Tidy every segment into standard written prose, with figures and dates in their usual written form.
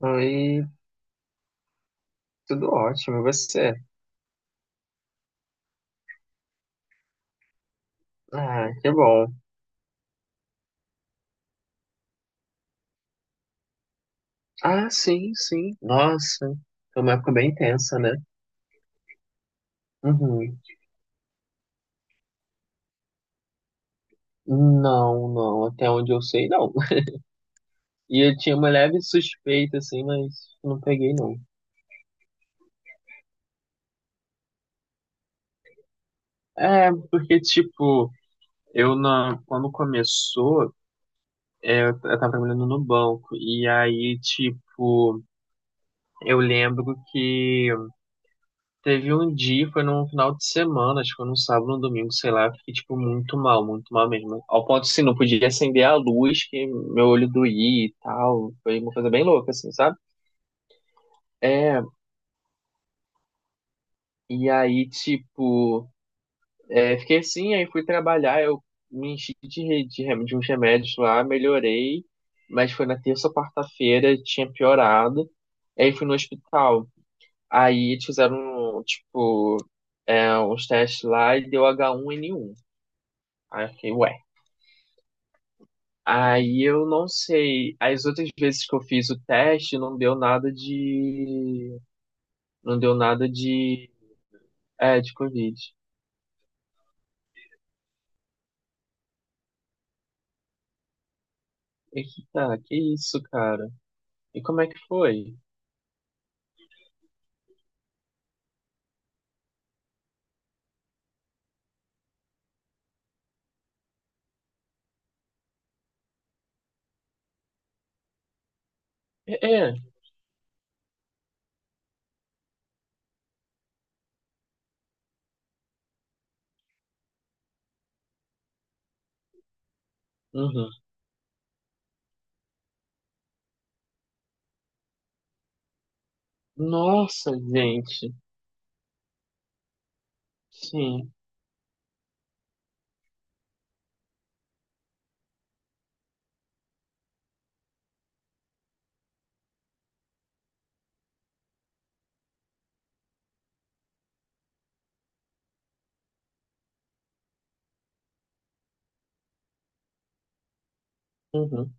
Oi, tudo ótimo, e você? Ah, que bom. Ah, sim. Nossa, foi uma época bem intensa, né? Uhum. Não, até onde eu sei, não. E eu tinha uma leve suspeita, assim, mas não peguei, não. É, porque, tipo, quando começou, eu tava trabalhando no banco, e aí, tipo, eu lembro que teve um dia, foi num final de semana, acho que foi num sábado, num domingo, sei lá, eu fiquei, tipo, muito mal mesmo. Ao ponto, assim, não podia acender a luz, que meu olho doía e tal. Foi uma coisa bem louca, assim, sabe? É, e aí, tipo, fiquei assim, aí fui trabalhar, eu me enchi de uns remédios lá, melhorei, mas foi na terça ou quarta-feira, tinha piorado. Aí fui no hospital. Aí eles fizeram, tipo, uns testes lá e deu h 1 n um. Aí eu fiquei, ué. Aí eu não sei. As outras vezes que eu fiz o teste, não deu nada de. Não deu nada de. É, de Covid. Eita, que isso, cara? E como é que foi? É, é. Uhum. Nossa, gente. Sim. Uhum.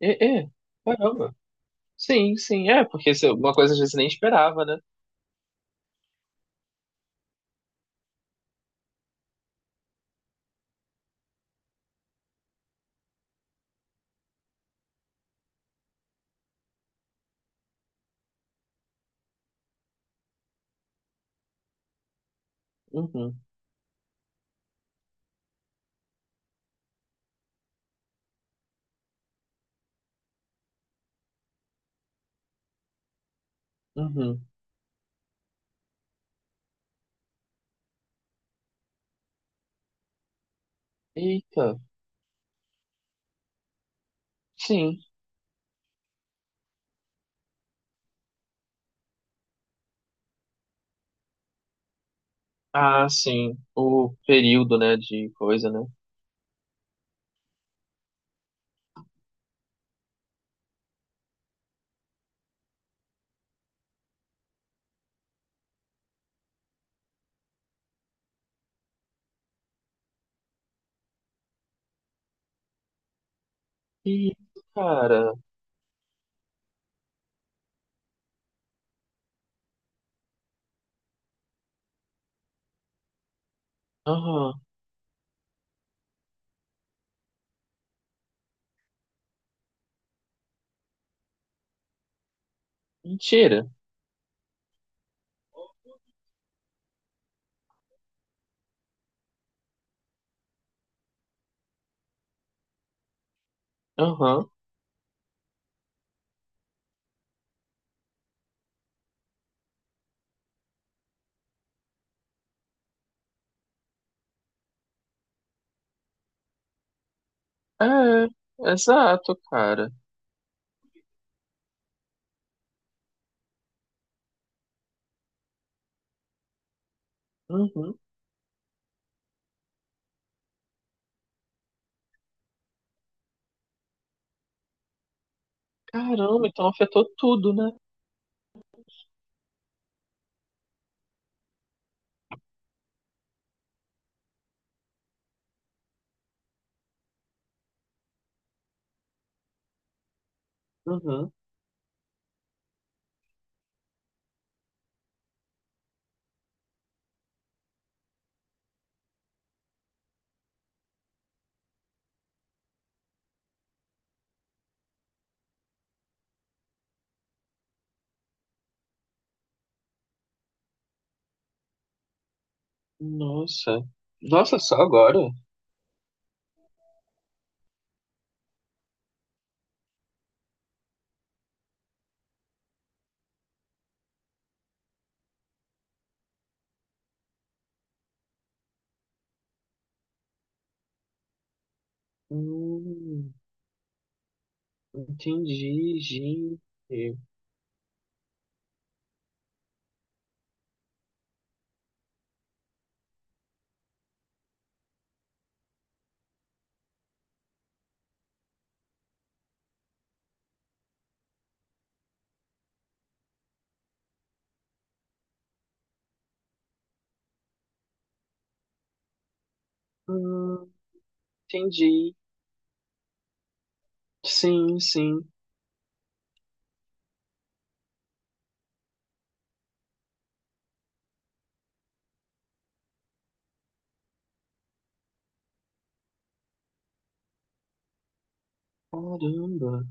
É, é. Caramba. Sim, é, porque uma coisa às vezes você nem esperava, né? Uhum. Uhum. Eita. Sim. Ah, sim. O período, né, de coisa, né? Ih, cara. Aham. Mentira. Aham. É, exato, cara. Uhum. Caramba, então afetou tudo, né? Uhum. Nossa. Nossa, só agora? Hum, entendi, gente. Hum, entendi. Sim. Caramba.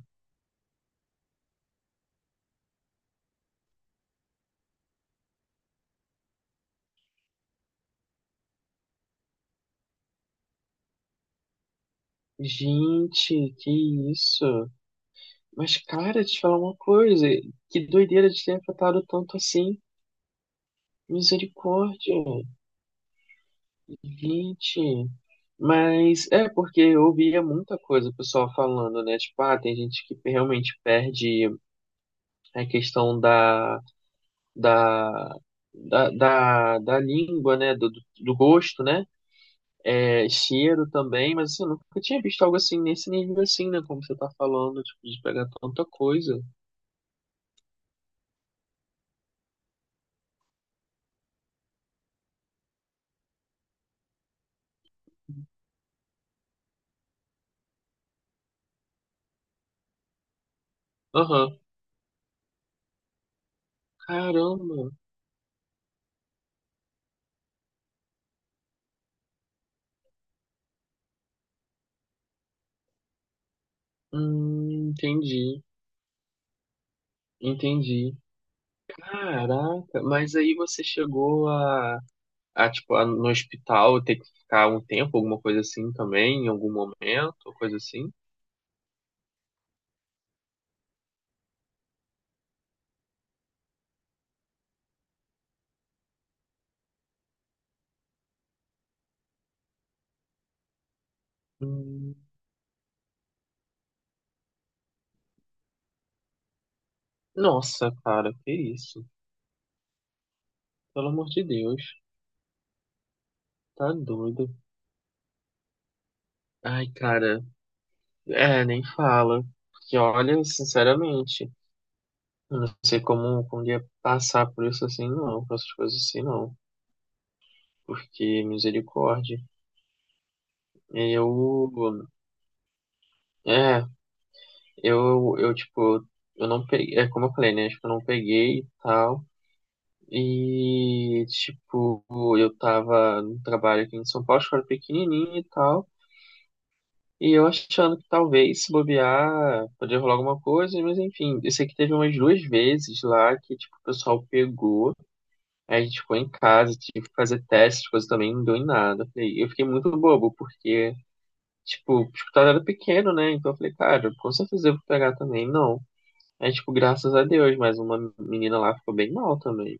Gente, que isso? Mas, cara, te falar uma coisa. Que doideira de ter afetado tanto assim. Misericórdia. Gente, mas é porque eu ouvia muita coisa o pessoal falando, né? Tipo, ah, tem gente que realmente perde a questão da, da língua, né? Do gosto, né? É, cheiro também, mas assim, eu nunca tinha visto algo assim nesse nível assim, né? Como você tá falando, tipo, de pegar tanta coisa. Aham. Caramba. Entendi. Entendi. Caraca, mas aí você chegou a no hospital ter que ficar um tempo, alguma coisa assim também, em algum momento, coisa assim. Hum, Nossa, cara, que isso? Pelo amor de Deus, tá doido. Ai, cara, é, nem fala. Porque olha, sinceramente, eu não sei como, como ia passar por isso assim, não, por essas coisas assim, não. Porque, misericórdia, eu, é, eu, tipo, eu não peguei, é como eu falei, né, tipo, eu não peguei e tal. E, tipo, eu tava no trabalho aqui em São Paulo, escola pequenininha e tal. E eu achando que talvez, se bobear, poderia rolar alguma coisa, mas enfim. Eu sei que teve umas 2 vezes lá que, tipo, o pessoal pegou, aí a gente ficou em casa, tive que fazer testes, coisa também, não deu em nada. Eu fiquei muito bobo, porque, tipo, o hospital era pequeno, né? Então eu falei, cara, com certeza eu vou pegar também. Não. Aí, tipo, graças a Deus, mas uma menina lá ficou bem mal também.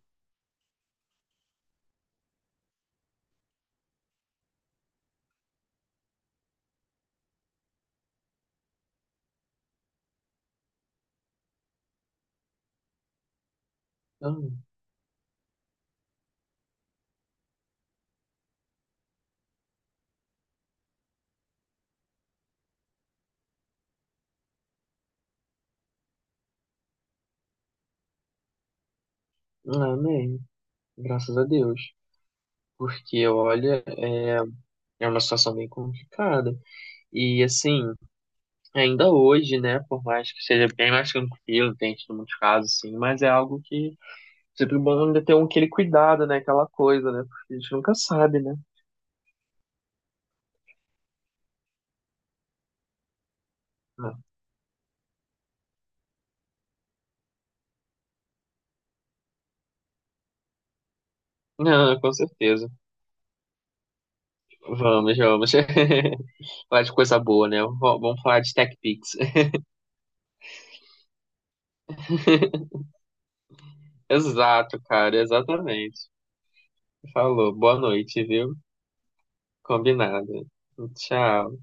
Então, amém. Graças a Deus. Porque, olha, é, é uma situação bem complicada. E, assim, ainda hoje, né, por mais que seja bem mais tranquilo, tem tido muitos casos, sim, mas é algo que sempre é bom ainda ter um, aquele cuidado, né, aquela coisa, né, porque a gente nunca sabe, né. Não, com certeza. Vamos. Falar de coisa boa, né? Vamos falar de Tech Pix. Exato, cara, exatamente. Falou. Boa noite, viu? Combinado. Tchau.